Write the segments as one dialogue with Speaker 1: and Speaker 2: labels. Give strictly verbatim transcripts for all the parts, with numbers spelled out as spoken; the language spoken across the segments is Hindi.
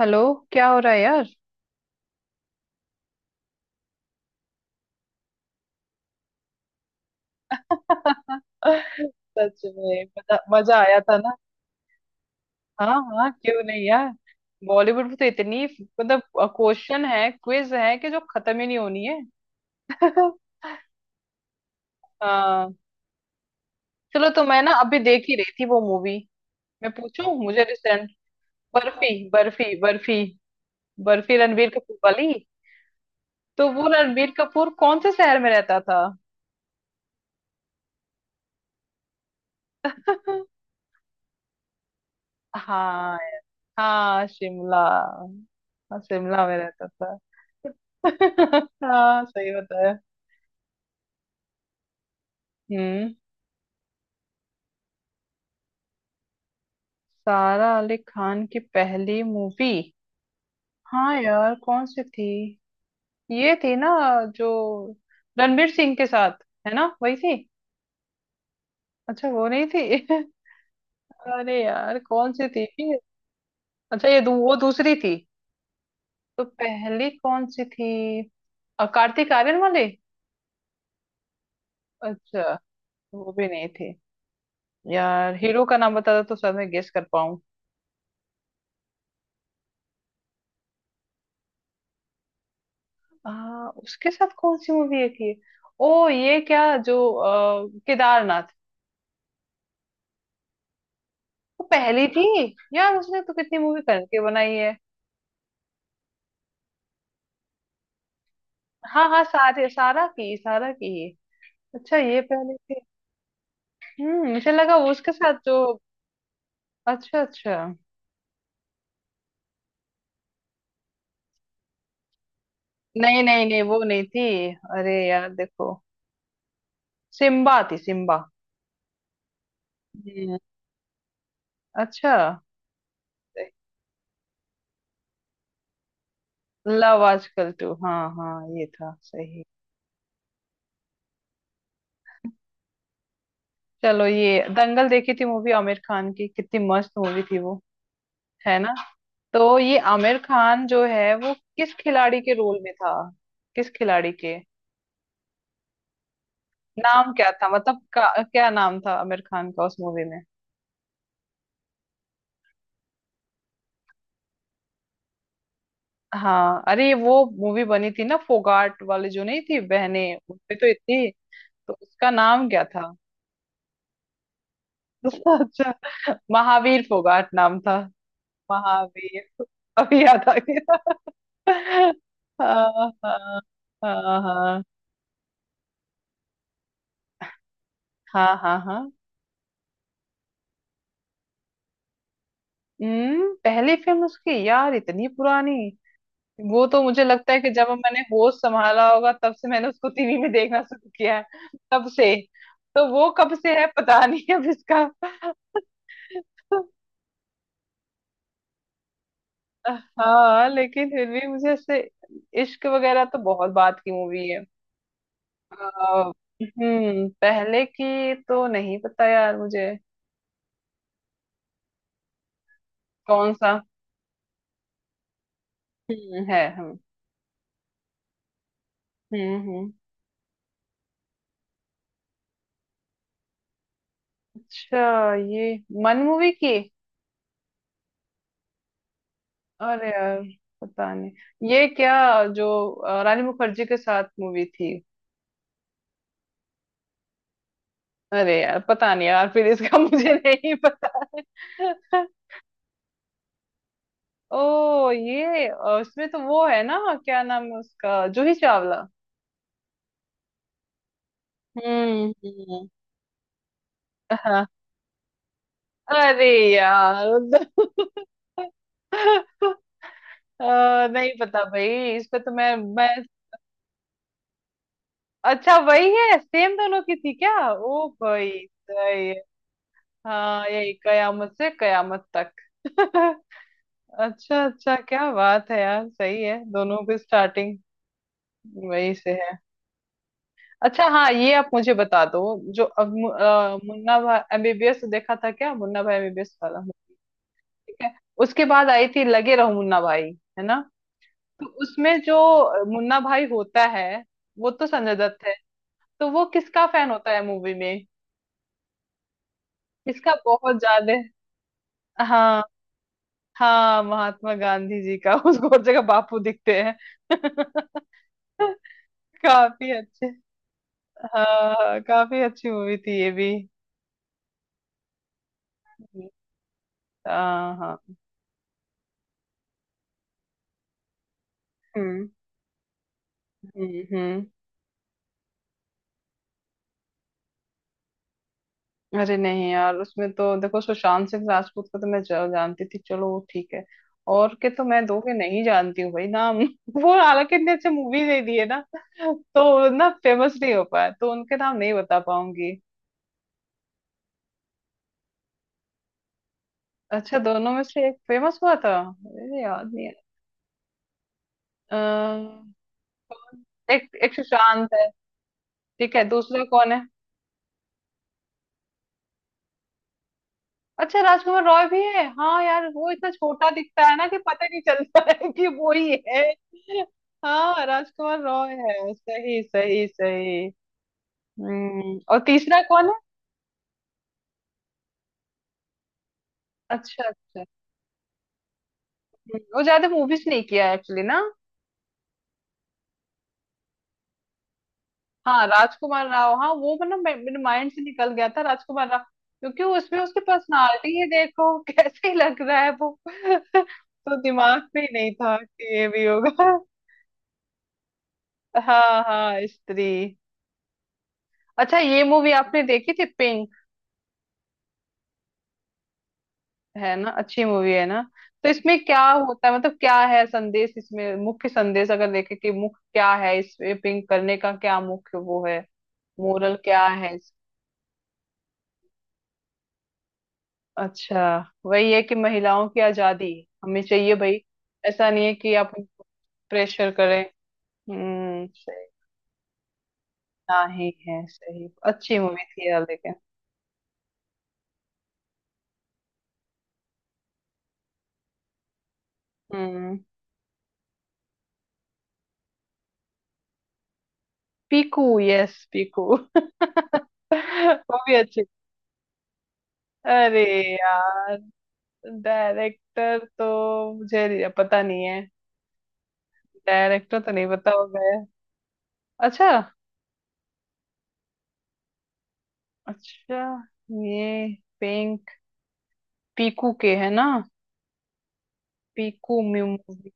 Speaker 1: हेलो। क्या हो रहा है यार। सच में मजा मजा आया था ना। हाँ, हाँ, क्यों नहीं यार। बॉलीवुड में तो इतनी, मतलब, क्वेश्चन है, क्विज है कि जो खत्म ही नहीं होनी है। हाँ, चलो तो मैं ना अभी देख ही रही थी वो मूवी। मैं पूछूं, मुझे रिसेंट, बर्फी, बर्फी, बर्फी। बर्फी रणबीर कपूर वाली। तो वो रणबीर कपूर कौन से शहर में रहता था? हाँ, हाँ, शिमला। हाँ, शिमला में रहता था। हाँ, सही बताया। हम्म। सारा अली खान की पहली मूवी। हाँ यार, कौन सी थी? ये थी ना, जो रणवीर सिंह के साथ, है ना, वही थी। अच्छा, वो नहीं थी। अरे यार, कौन सी थी? अच्छा, ये दू, वो दूसरी थी। तो पहली कौन सी थी? अ, कार्तिक आर्यन वाली। अच्छा, वो भी नहीं थी। यार, हीरो का नाम बता दो तो शायद मैं गेस कर। हाँ, उसके साथ कौन सी मूवी है थी? ओ, ये क्या जो अ, केदारनाथ। वो पहली थी। यार, उसने तो कितनी मूवी करके बनाई है। हाँ, हाँ, सारे सारा की सारा की। अच्छा, ये पहली थी। हम्म मुझे लगा वो उसके साथ जो। अच्छा, अच्छा। नहीं, नहीं, नहीं, वो नहीं थी। अरे यार, देखो। सिम्बा थी, सिम्बा। हम्म। अच्छा। लव आजकल टू। हाँ, हाँ। ये था, सही। चलो, ये दंगल देखी थी मूवी, आमिर खान की। कितनी मस्त मूवी थी वो। है ना। तो ये आमिर खान जो है वो किस खिलाड़ी के रोल में था? किस खिलाड़ी के? नाम क्या था, मतलब का, क्या नाम था आमिर खान का उस मूवी में? हाँ, अरे वो मूवी बनी थी ना, फोगाट वाली, जो नहीं थी, बहने। उसपे तो इतनी। तो उसका नाम क्या था? अच्छा, महावीर फोगाट नाम था। महावीर। अभी याद आ गया। हाँ, हाँ, हाँ, हाँ, हाँ, हाँ, हाँ। हम्म पहली फिल्म उसकी, यार इतनी पुरानी। वो तो मुझे लगता है कि जब मैंने होश संभाला होगा तब से मैंने उसको टीवी में देखना शुरू किया है। तब से। तो वो कब से है पता नहीं अब इसका। हाँ, लेकिन फिर भी मुझे ऐसे। इश्क वगैरह तो बहुत बात की मूवी है। आ, हम्म पहले की तो नहीं पता यार मुझे। कौन सा? हम्म, है, हम। हम्म, हम्म। अच्छा, ये मन मूवी की। अरे यार, पता नहीं ये क्या। जो अ, रानी मुखर्जी के साथ मूवी थी। अरे यार, पता नहीं यार फिर इसका। मुझे नहीं पता। है। ओ, ये अ, इसमें तो वो है ना। क्या नाम है उसका, जूही चावला। हम्म, हम्म। हाँ, अरे यार। अ, नहीं पता भाई, इस पे तो मैं मैं। अच्छा, वही है सेम, दोनों की थी क्या? ओ भाई। हाँ, यही कयामत से कयामत तक। अच्छा, अच्छा, क्या बात है यार, सही है दोनों की स्टार्टिंग वही से है। अच्छा, हाँ, ये आप मुझे बता दो। जो अब मु- अ, मुन्ना भाई एम बी बी एस देखा था क्या, मुन्ना भाई एम बी बी एस वाला। ठीक है। उसके बाद आई थी लगे रहो मुन्ना भाई। है ना। तो उसमें जो मुन्ना भाई होता है वो तो संजय दत्त है। तो वो किसका फैन होता है मूवी में? किसका बहुत ज्यादा? हाँ, हाँ, महात्मा गांधी जी का। उसको हर जगह बापू दिखते हैं। काफी अच्छे। हाँ, हाँ, काफी अच्छी मूवी थी ये भी। हाँ, हाँ। हम्म, हम्म, हम्म। अरे नहीं यार, उसमें तो देखो सुशांत सिंह राजपूत को तो मैं ज- जानती थी, चलो वो ठीक है। और के तो मैं दो के नहीं जानती हूँ भाई, नाम। वो हालांकि इतने अच्छे मूवी नहीं दिए ना। तो ना फेमस नहीं हो पाया तो उनके नाम नहीं बता पाऊंगी। अच्छा, दोनों में से एक फेमस हुआ था? अरे याद नहीं है। कौन? एक, एक सुशांत है। ठीक है, दूसरा कौन है? अच्छा, राजकुमार रॉय भी है, हाँ यार वो इतना छोटा दिखता है ना कि पता नहीं चलता है कि वो ही है। हाँ, राजकुमार रॉय है, सही, सही, सही। हम्म और तीसरा कौन है? अच्छा, अच्छा। हम्म, वो ज्यादा मूवीज नहीं किया एक्चुअली ना। हाँ, राजकुमार राव, हाँ वो मतलब मे- मेरे माइंड से निकल गया था राजकुमार राव। क्योंकि उसमें उसकी पर्सनालिटी ही देखो। कैसे लग रहा है वो। तो दिमाग में ही नहीं था कि ये भी होगा। हाँ, हाँ, स्त्री। अच्छा, ये मूवी आपने देखी थी, पिंक? है ना, अच्छी मूवी है ना। तो इसमें क्या होता है, मतलब क्या है संदेश, इसमें मुख्य संदेश अगर देखे कि मुख्य क्या है इसमें, पिंक करने का क्या मुख्य वो है। मोरल क्या है इस- अच्छा, वही है कि महिलाओं की आजादी। हमें चाहिए भाई। ऐसा नहीं है कि आप उनको प्रेशर करें। हम्म, सही। नहीं है सही, अच्छी मूवी थी यार, लेकिन। हम्म पीकू, यस, पीकू। वो भी अच्छी। अरे यार, डायरेक्टर तो मुझे नहीं- पता नहीं है। डायरेक्टर तो नहीं पता होगा यार। अच्छा, अच्छा, ये पिंक, पीकू के है ना। पीकू मूवी।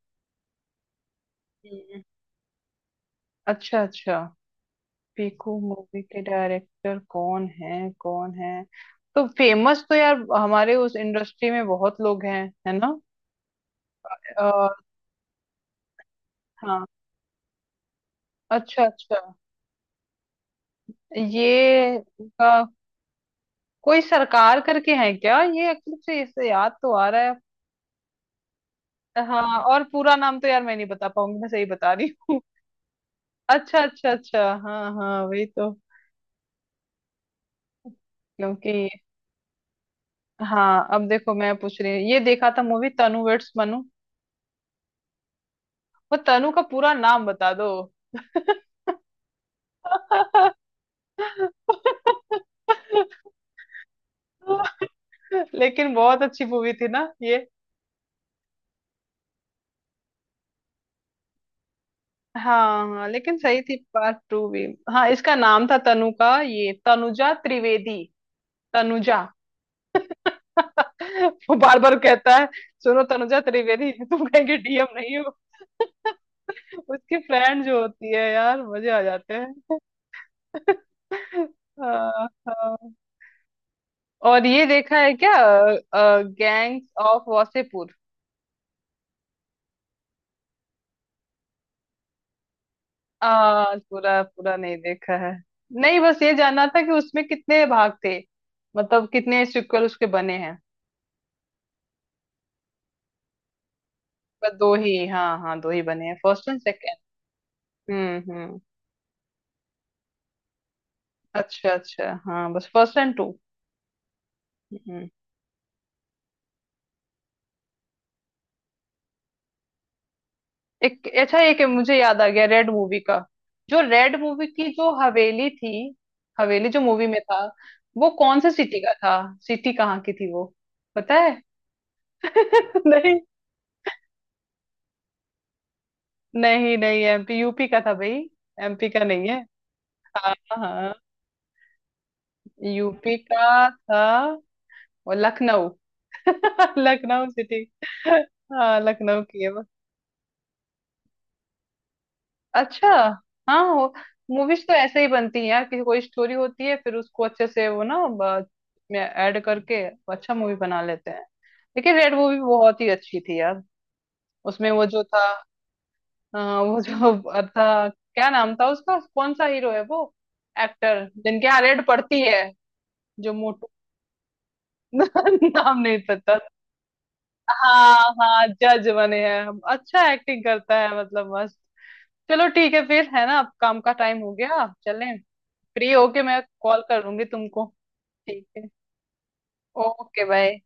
Speaker 1: अच्छा, अच्छा। पीकू मूवी के डायरेक्टर कौन है, कौन है? तो फेमस तो यार हमारे उस इंडस्ट्री में बहुत लोग हैं है ना। और, हाँ। अच्छा, अच्छा। ये उनका कोई सरकार करके है क्या? ये एक्चुअली से, इससे याद तो आ रहा है। हाँ, और पूरा नाम तो यार मैं नहीं बता पाऊंगी, मैं सही बता रही हूँ। अच्छा, अच्छा, अच्छा, हाँ, हाँ, वही तो। क्योंकि। हाँ, अब देखो मैं पूछ रही हूँ, ये देखा था मूवी तनु वेड्स मनु। वो तनु का पूरा नाम बता दो। लेकिन बहुत अच्छी मूवी थी ना ये। हाँ, हाँ, लेकिन सही थी पार्ट टू भी। हाँ, इसका नाम था तनु का, ये तनुजा त्रिवेदी। तनुजा। वो बार बार कहता है। सुनो तनुजा त्रिवेदी, तुम कहेंगे डी एम नहीं हो। उसकी फ्रेंड जो होती है यार, मजे आ जाते हैं। हाँ, हाँ। और ये देखा है क्या, गैंग्स ऑफ वासेपुर? आ, पूरा पूरा नहीं देखा है। नहीं, बस ये जानना था कि उसमें कितने भाग थे। मतलब कितने सिक्वल उसके बने हैं। बस दो ही, हाँ, हाँ, दो ही बने हैं, फर्स्ट एंड सेकेंड। हम्म, हम्म। अच्छा, अच्छा, हाँ, बस फर्स्ट एंड टू। एक, अच्छा, एक मुझे याद आ गया रेड मूवी का। जो रेड मूवी की जो हवेली थी। हवेली जो मूवी में था। वो कौन से सिटी का था? सिटी कहाँ की थी वो, पता है? नहीं, नहीं, नहीं, एम पी, यू पी का था भाई। एमपी का नहीं है। हाँ, हाँ, यू पी का था। और लखनऊ। लखनऊ सिटी। हाँ, लखनऊ की है। अच्छा, हाँ, हो। मूवीज तो ऐसे ही बनती हैं यार कि कोई स्टोरी होती है फिर उसको अच्छे से वो ना ब- में ऐड करके अच्छा मूवी बना लेते हैं। लेकिन रेड मूवी बहुत ही अच्छी थी यार। उसमें वो जो था। अ, वो जो था क्या नाम था उसका, कौन सा हीरो है वो? एक्टर जिनके यहाँ रेड पड़ती है। जो मोटू। नाम नहीं पता। हाँ, हाँ, जज बने हैं। अच्छा, एक्टिंग करता है मतलब मस्त। चलो ठीक है फिर, है ना, अब काम का टाइम हो गया, चलें। फ्री होके मैं कॉल करूंगी तुमको। ठीक है, ओके, बाय।